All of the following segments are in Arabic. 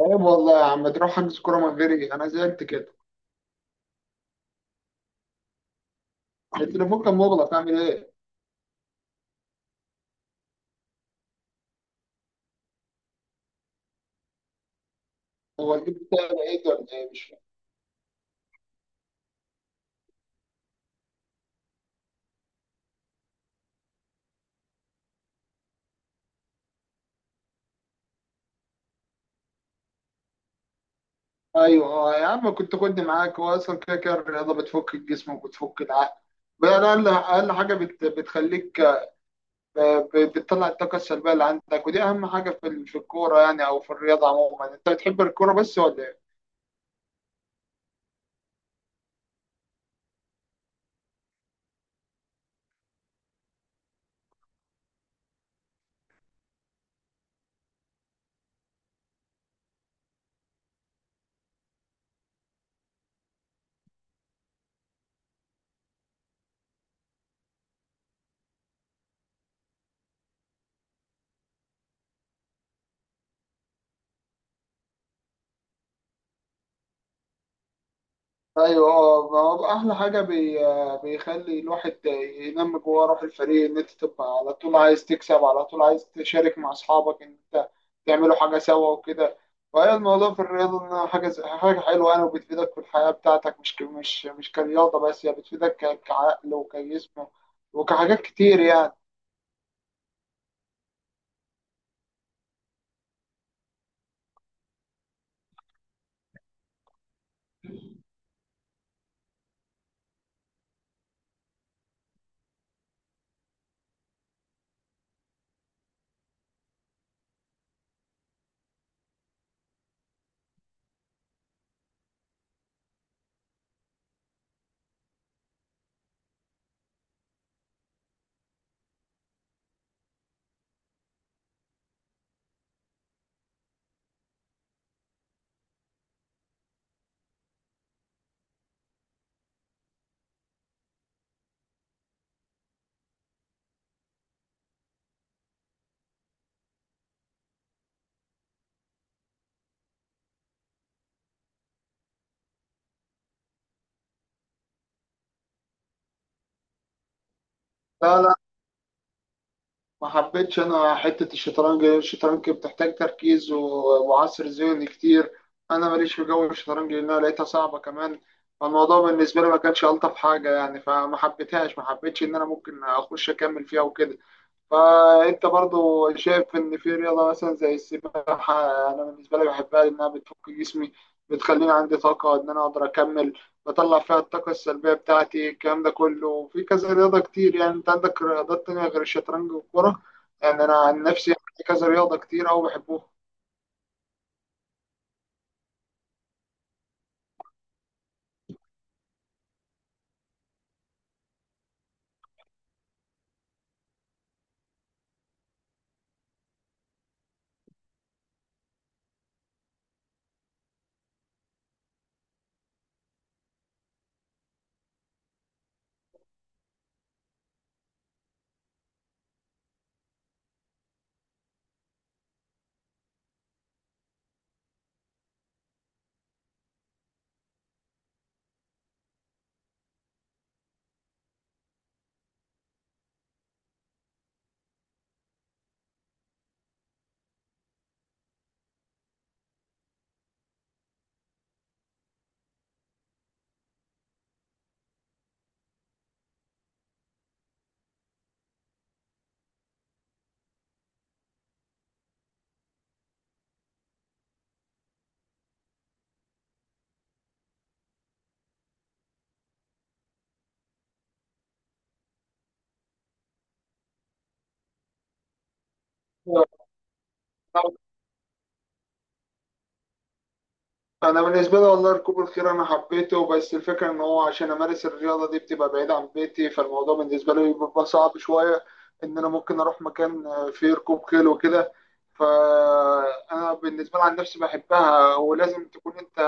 عيب والله يا عم، تروح حجز كوره من غيري؟ انا زعلت كده. التليفون كان مغلق، اعمل ايه؟ هو الجيب بتاعي بعيد ولا ايه؟ مش فاهم. ايوه. آه يا عم، كنت خدني معاك. هو اصلا كده كده الرياضه بتفك الجسم وبتفك العقل. بقى اقل اقل حاجه بتخليك بتطلع الطاقه السلبيه اللي عندك، ودي اهم حاجه في الكوره يعني، او في الرياضه عموما. انت بتحب الكوره بس ولا إيه؟ ايوه. اه، ما هو احلى حاجه بيخلي الواحد ينمي جواه روح الفريق، ان انت تبقى على طول عايز تكسب، على طول عايز تشارك مع اصحابك ان انت تعملوا حاجه سوا وكده. فهي الموضوع في الرياضه انها حاجه حلوه يعني، وبتفيدك في الحياه بتاعتك. مش ك... مش مش كرياضه بس، هي بتفيدك كعقل وكجسم وكحاجات كتير يعني. لا، لا، ما حبيتش انا حته الشطرنج. الشطرنج بتحتاج تركيز وعصر ذهني كتير. انا ماليش في جو الشطرنج، لانها لقيتها صعبه كمان. فالموضوع بالنسبه لي ما كانش الطف حاجه يعني، فما حبيتهاش، ما حبيتش ان انا ممكن اخش اكمل فيها وكده. فانت برضو شايف ان في رياضه مثلا زي السباحه. انا بالنسبه لي بحبها لانها بتفك جسمي، بتخليني عندي طاقه ان انا اقدر اكمل، بطلع فيها الطاقه السلبيه بتاعتي. الكلام ده كله في كذا رياضه كتير يعني، انت عندك رياضات تانية غير الشطرنج والكوره. يعني انا عن نفسي عندي كذا رياضه كتير أوي. بحبوها. انا بالنسبه لي والله ركوب الخيل انا حبيته، بس الفكره ان هو عشان امارس الرياضه دي بتبقى بعيد عن بيتي، فالموضوع بالنسبه لي بيبقى صعب شويه. ان انا ممكن اروح مكان فيه ركوب خيل وكده. فانا بالنسبه لي عن نفسي بحبها، ولازم تكون انت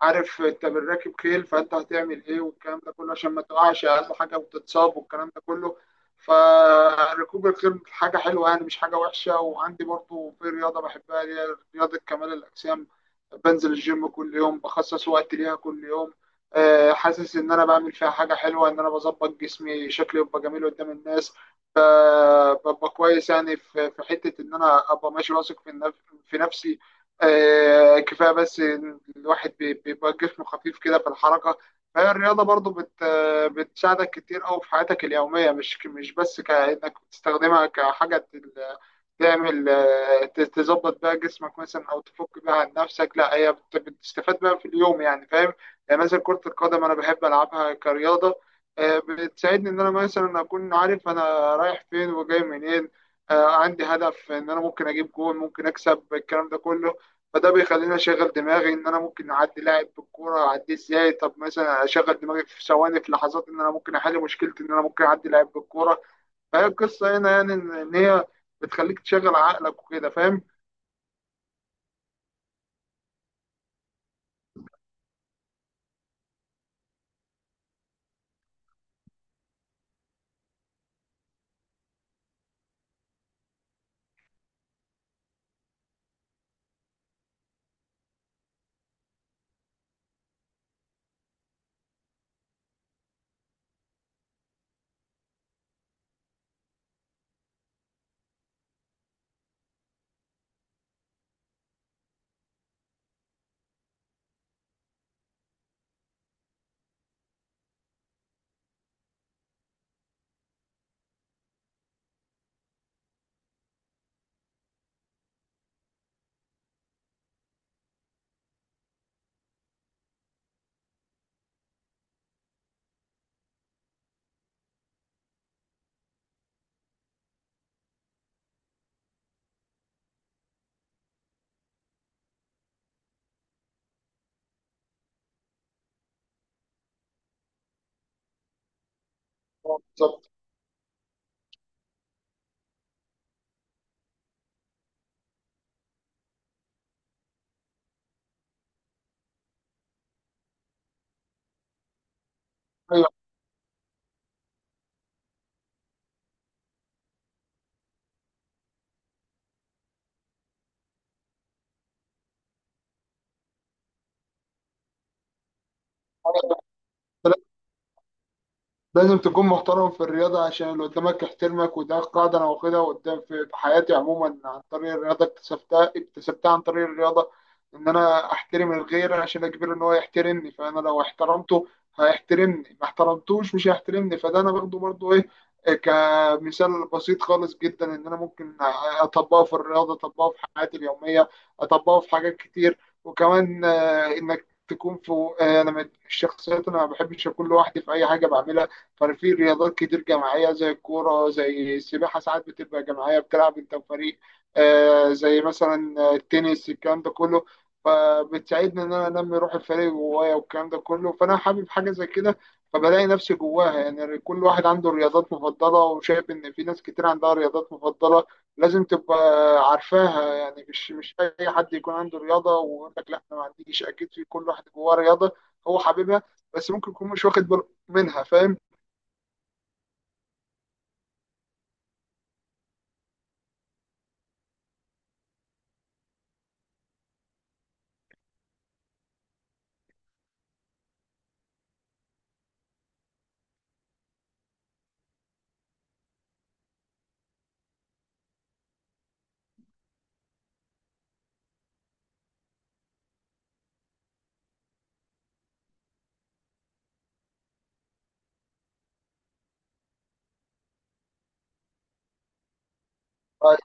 عارف انت بالراكب خيل، فانت هتعمل ايه والكلام ده كله، عشان ما تقعش اقل حاجه وتتصاب والكلام ده كله. فركوب الخيل حاجه حلوه يعني، مش حاجه وحشه. وعندي برضو في رياضه بحبها اللي هي رياضه كمال الاجسام. بنزل الجيم كل يوم، بخصص وقت ليها كل يوم. آه، حاسس ان انا بعمل فيها حاجه حلوه، ان انا بظبط جسمي، شكلي يبقى جميل قدام الناس، ب- ببقى كويس يعني. في حته ان انا ابقى ماشي واثق في نفسي. آه، كفايه بس إن الواحد بيبقى جسمه خفيف كده في الحركه. فهي الرياضه برضو بتساعدك كتير قوي في حياتك اليوميه، مش بس كانك بتستخدمها كحاجه تعمل، تظبط بقى جسمك مثلا، او تفك بقى عن نفسك. لا هي بتستفاد بقى في اليوم يعني، فاهم؟ يعني مثلا كرة القدم انا بحب العبها كرياضة. آه، بتساعدني ان انا مثلا اكون عارف انا رايح فين وجاي منين. آه، عندي هدف ان انا ممكن اجيب جول، ممكن اكسب الكلام ده كله. فده بيخليني اشغل دماغي ان انا ممكن اعدي لاعب بالكوره، اعديه ازاي. طب مثلا اشغل دماغي في ثواني، في لحظات، ان انا ممكن احل مشكلتي، ان انا ممكن اعدي لاعب بالكوره. فهي القصه هنا يعني إن هي بتخليك تشغل عقلك وكده، فاهم؟ اه، بالظبط. ايوه، لازم تكون محترم في الرياضة عشان اللي قدامك يحترمك. وده قاعدة أنا واخدها قدام في حياتي عموما، عن طريق الرياضة. اكتسبتها عن طريق الرياضة. إن أنا أحترم الغير عشان أجبره إن هو يحترمني. فأنا لو احترمته هيحترمني، ما احترمتوش مش هيحترمني. فده أنا باخده برضه إيه، كمثال بسيط خالص جدا، إن أنا ممكن أطبقه في الرياضة، أطبقه في حياتي اليومية، أطبقه في حاجات كتير. وكمان إنك تكون في، أنا من الشخصيات أنا ما بحبش أكون لوحدي في أي حاجة بعملها. فانا في رياضات كتير جماعيه زي الكوره، زي السباحه ساعات بتبقى جماعيه، بتلعب انت وفريق. آه زي مثلا التنس، الكلام ده كله. فبتساعدني ان انا انمي روح الفريق جوايا والكلام ده كله. فانا حابب حاجه زي كده، فبلاقي نفسي جواها يعني. كل واحد عنده رياضات مفضله، وشايف ان في ناس كتير عندها رياضات مفضله. لازم تبقى عارفاها يعني. مش اي حد يكون عنده رياضه ويقول لك لا انا ما عنديش. اكيد في كل واحد جواه رياضه هو حاببها، بس ممكن يكون مش واخد باله منها، فاهم؟ طيب.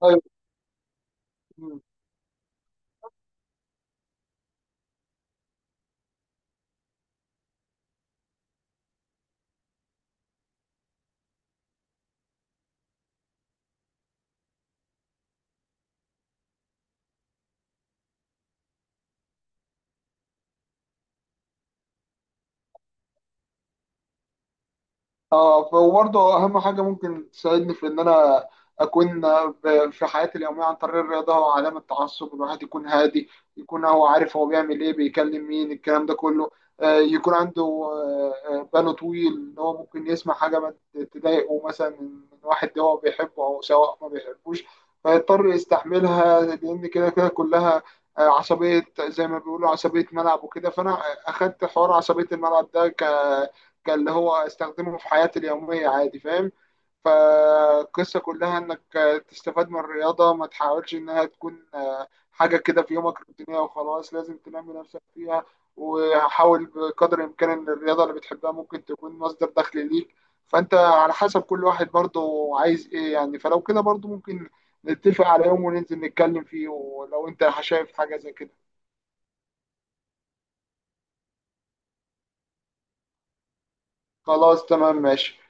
طيب. مم. اه، وبرضه اهم حاجه ممكن تساعدني في ان انا اكون في حياتي اليوميه عن طريق الرياضه هو عدم التعصب. الواحد يكون هادي، يكون هو عارف هو بيعمل ايه، بيكلم مين الكلام ده كله. آه، يكون عنده بانه طويل ان هو ممكن يسمع حاجه ما تضايقه مثلا من واحد هو بيحبه او سواء ما بيحبوش، فيضطر يستحملها. لان كده كده كلها عصبيه زي ما بيقولوا، عصبيه ملعب وكده. فانا اخدت حوار عصبيه الملعب ده، كان اللي هو استخدمه في حياتي اليومية عادي، فاهم؟ فالقصة كلها انك تستفاد من الرياضة، ما تحاولش انها تكون حاجة كده في يومك روتينية وخلاص. لازم تنمي نفسك فيها، وحاول بقدر الامكان ان الرياضة اللي بتحبها ممكن تكون مصدر دخل ليك. فانت على حسب كل واحد برضه عايز ايه يعني. فلو كده برضه ممكن نتفق على يوم وننزل نتكلم فيه، ولو انت شايف حاجة زي كده. خلاص، تمام، ماشي.